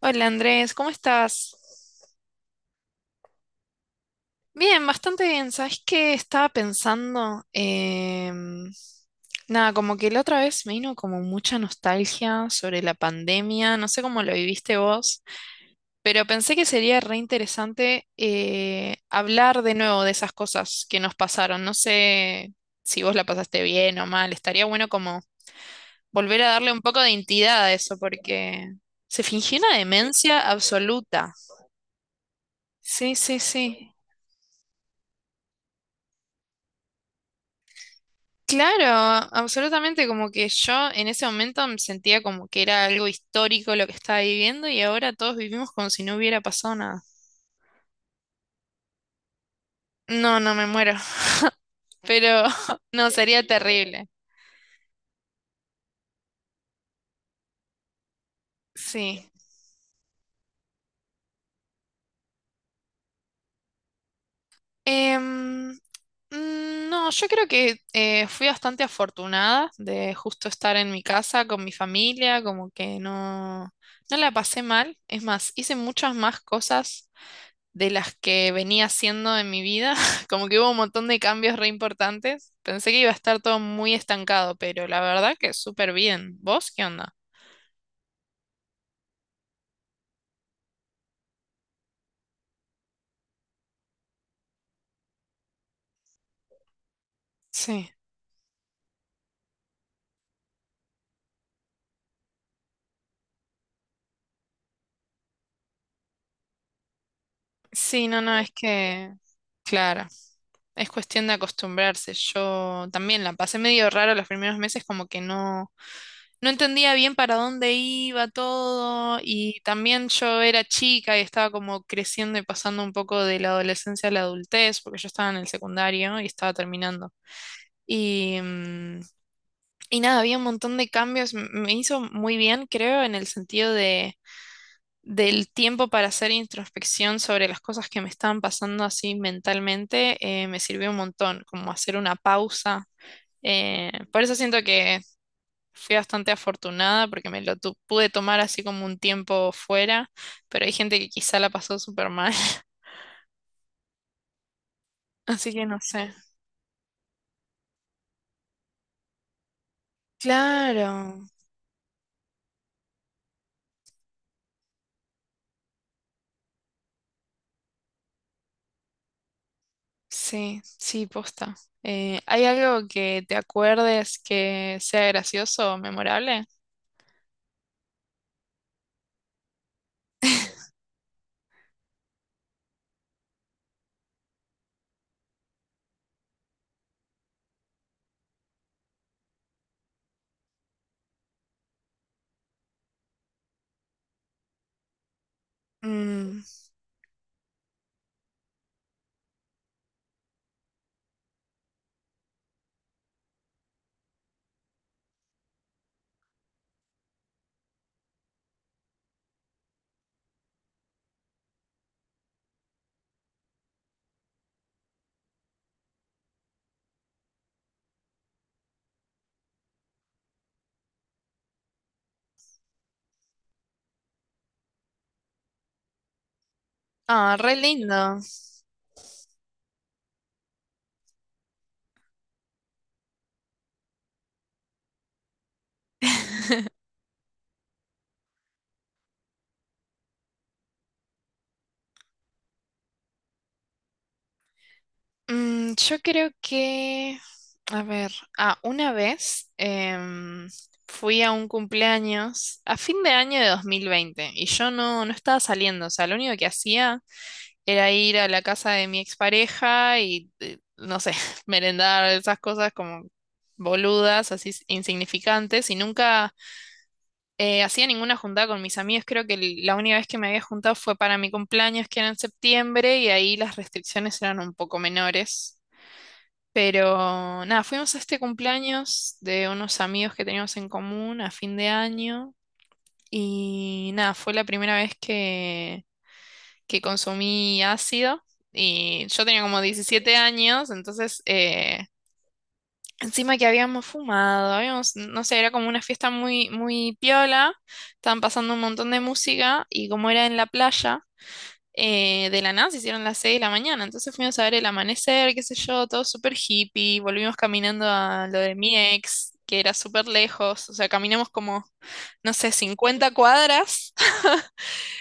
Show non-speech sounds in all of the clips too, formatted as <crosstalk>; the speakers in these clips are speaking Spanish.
Hola Andrés, ¿cómo estás? Bien, bastante bien. ¿Sabes qué estaba pensando? Nada, como que la otra vez me vino como mucha nostalgia sobre la pandemia, no sé cómo lo viviste vos, pero pensé que sería re interesante hablar de nuevo de esas cosas que nos pasaron. No sé si vos la pasaste bien o mal, estaría bueno como volver a darle un poco de entidad a eso, porque se fingió una demencia absoluta. Sí, sí, sí. Claro, absolutamente, como que yo en ese momento me sentía como que era algo histórico lo que estaba viviendo y ahora todos vivimos como si no hubiera pasado nada. No, no me muero, <laughs> pero <laughs> no, sería terrible. Sí. Em, mm, no, yo creo que fui bastante afortunada de justo estar en mi casa con mi familia, como que no, no la pasé mal. Es más, hice muchas más cosas de las que venía haciendo en mi vida. <laughs> Como que hubo un montón de cambios re importantes. Pensé que iba a estar todo muy estancado, pero la verdad que súper bien. ¿Vos qué onda? Sí. Sí, no, no, es que, claro, es cuestión de acostumbrarse. Yo también la pasé medio raro los primeros meses, como que no, no entendía bien para dónde iba todo. Y también yo era chica y estaba como creciendo y pasando un poco de la adolescencia a la adultez, porque yo estaba en el secundario y estaba terminando. Y, mm, y nada, había un montón de cambios. Me hizo muy bien, creo, en el sentido del tiempo para hacer introspección sobre las cosas que me estaban pasando así mentalmente. Me sirvió un montón, como hacer una pausa. Por eso siento que fui bastante afortunada porque me lo pude tomar así como un tiempo fuera, pero hay gente que quizá la pasó súper mal. <laughs> Así que no sé. Claro. Sí, sí, posta. ¿Hay algo que te acuerdes que sea gracioso o memorable? <laughs> Mm, Ah, re lindo. <laughs> Yo creo que, a ver, ah, una vez fui a un cumpleaños a fin de año de 2020 y yo no, no estaba saliendo, o sea, lo único que hacía era ir a la casa de mi expareja y, no sé, <laughs> merendar esas cosas como boludas, así insignificantes, y nunca hacía ninguna juntada con mis amigos. Creo que la única vez que me había juntado fue para mi cumpleaños, que era en septiembre, y ahí las restricciones eran un poco menores. Pero nada, fuimos a este cumpleaños de unos amigos que teníamos en común a fin de año. Y nada, fue la primera vez que consumí ácido y yo tenía como 17 años, entonces encima que habíamos fumado, habíamos, no sé, era como una fiesta muy, muy piola, estaban pasando un montón de música y como era en la playa, de la nada se hicieron las 6 de la mañana, entonces fuimos a ver el amanecer, qué sé yo, todo súper hippie, volvimos caminando a lo de mi ex, que era súper lejos, o sea, caminamos como, no sé, 50 cuadras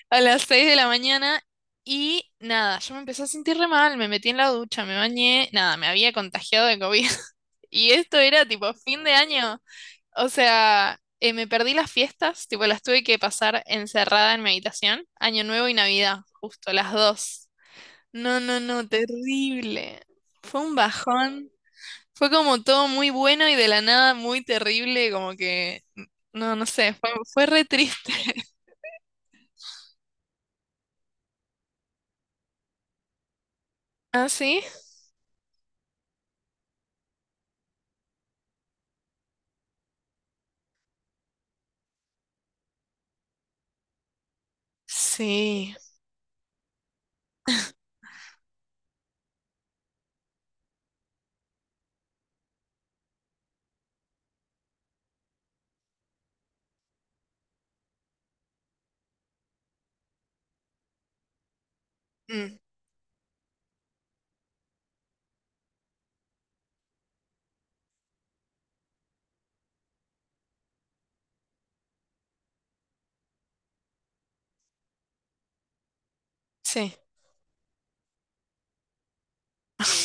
a las 6 de la mañana y nada, yo me empecé a sentir re mal, me metí en la ducha, me bañé, nada, me había contagiado de COVID. <laughs> Y esto era tipo fin de año. O sea, me perdí las fiestas, tipo las tuve que pasar encerrada en mi habitación, Año Nuevo y Navidad, justo las dos. No, no, no, terrible. Fue un bajón. Fue como todo muy bueno y de la nada muy terrible, como que, no, no sé, fue, fue re triste. <laughs> ¿Ah, sí? Sí. Mm. Sí.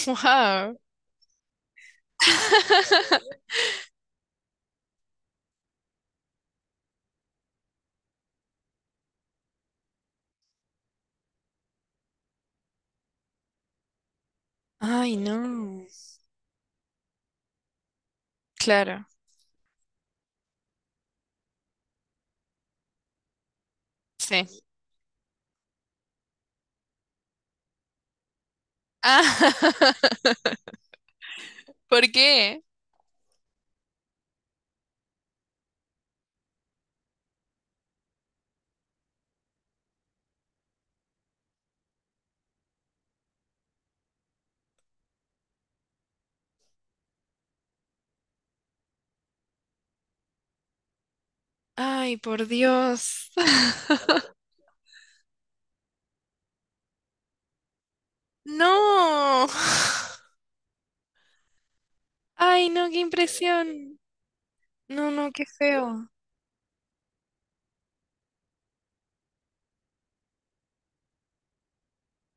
Wow. <laughs> Ay, no. Claro. Sí. Ah, <laughs> ¿por qué? Ay, por Dios. <laughs> No. Ay, no, qué impresión. No, no, qué feo.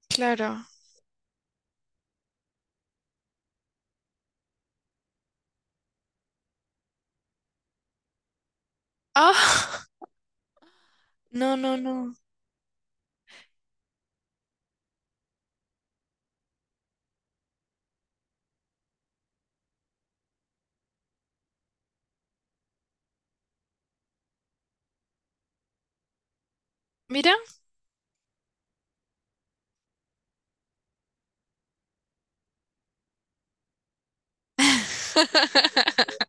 Claro. Ah, <laughs> no, no, no. Mira. <laughs>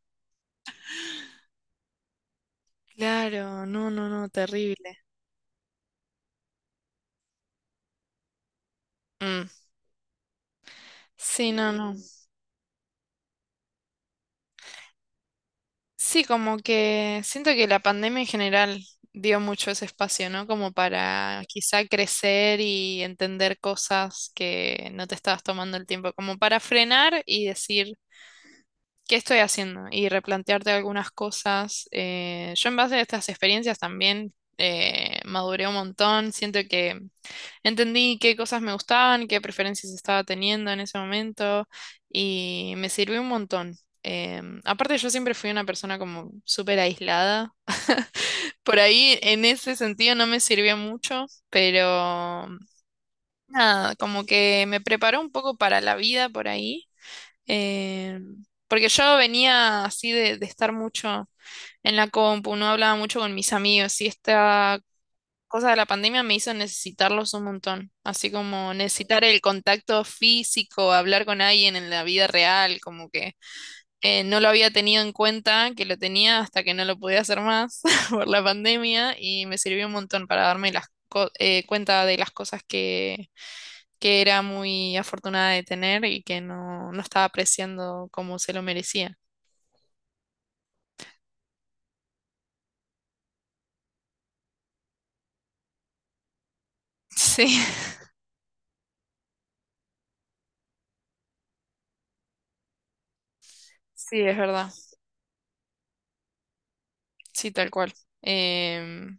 Claro, no, no, no, terrible. Mm. Sí, no, no. Sí, como que siento que la pandemia en general dio mucho ese espacio, ¿no? Como para quizá crecer y entender cosas que no te estabas tomando el tiempo, como para frenar y decir, ¿qué estoy haciendo? Y replantearte algunas cosas. Yo en base a estas experiencias también maduré un montón, siento que entendí qué cosas me gustaban, qué preferencias estaba teniendo en ese momento y me sirvió un montón. Aparte yo siempre fui una persona como súper aislada. <laughs> Por ahí en ese sentido no me sirvió mucho, pero nada, como que me preparó un poco para la vida por ahí. Porque yo venía así de estar mucho en la compu, no hablaba mucho con mis amigos, sí estaba cosa de la pandemia me hizo necesitarlos un montón, así como necesitar el contacto físico, hablar con alguien en la vida real, como que no lo había tenido en cuenta, que lo tenía hasta que no lo podía hacer más <laughs> por la pandemia y me sirvió un montón para darme las cuenta de las cosas que era muy afortunada de tener y que no, no estaba apreciando como se lo merecía. Sí, <laughs> sí, es verdad, sí, tal cual. Em,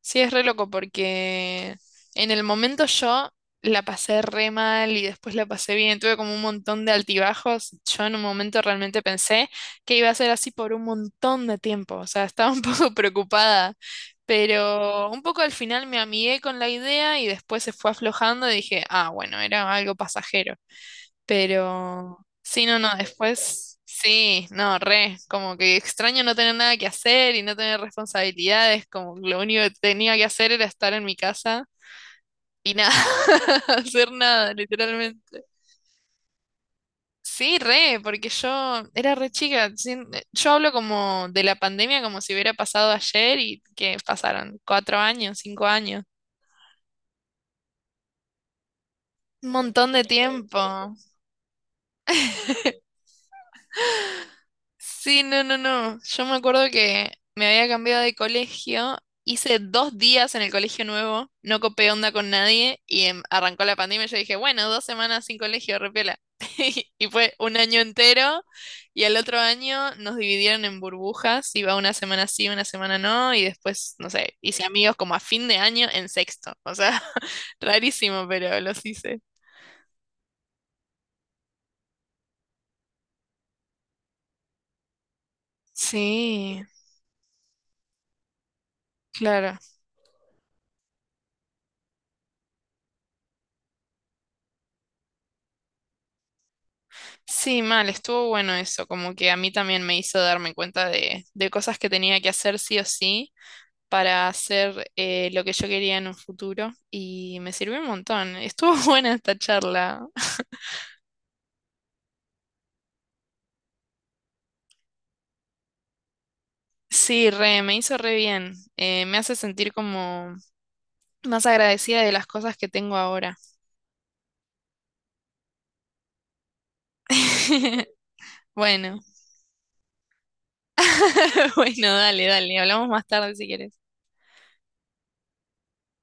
Sí, es re loco porque en el momento yo la pasé re mal y después la pasé bien. Tuve como un montón de altibajos. Yo en un momento realmente pensé que iba a ser así por un montón de tiempo. O sea, estaba un <laughs> poco preocupada. Pero un poco al final me amigué con la idea y después se fue aflojando y dije, ah, bueno, era algo pasajero. Pero sí, no, no, después sí, no, re, como que extraño no tener nada que hacer y no tener responsabilidades, como que lo único que tenía que hacer era estar en mi casa y nada, <laughs> hacer nada, literalmente. Sí, re, porque yo era re chica, yo hablo como de la pandemia como si hubiera pasado ayer y que pasaron 4 años, 5 años, un montón de tiempo. Sí, no, no, no. Yo me acuerdo que me había cambiado de colegio, hice 2 días en el colegio nuevo, no copé onda con nadie y arrancó la pandemia. Yo dije, bueno, 2 semanas sin colegio, repiola. <laughs> Y fue un año entero y al otro año nos dividieron en burbujas, iba una semana sí, una semana no y después, no sé, hice amigos como a fin de año en sexto. O sea, <laughs> rarísimo, pero los hice. Sí, claro. Sí, mal, estuvo bueno eso, como que a mí también me hizo darme cuenta de cosas que tenía que hacer sí o sí para hacer lo que yo quería en un futuro y me sirvió un montón. Estuvo <laughs> buena esta charla. Sí, re, me hizo re bien. Me hace sentir como más agradecida de las cosas que tengo ahora. <laughs> Bueno, <laughs> bueno, dale, dale, hablamos más tarde si quieres.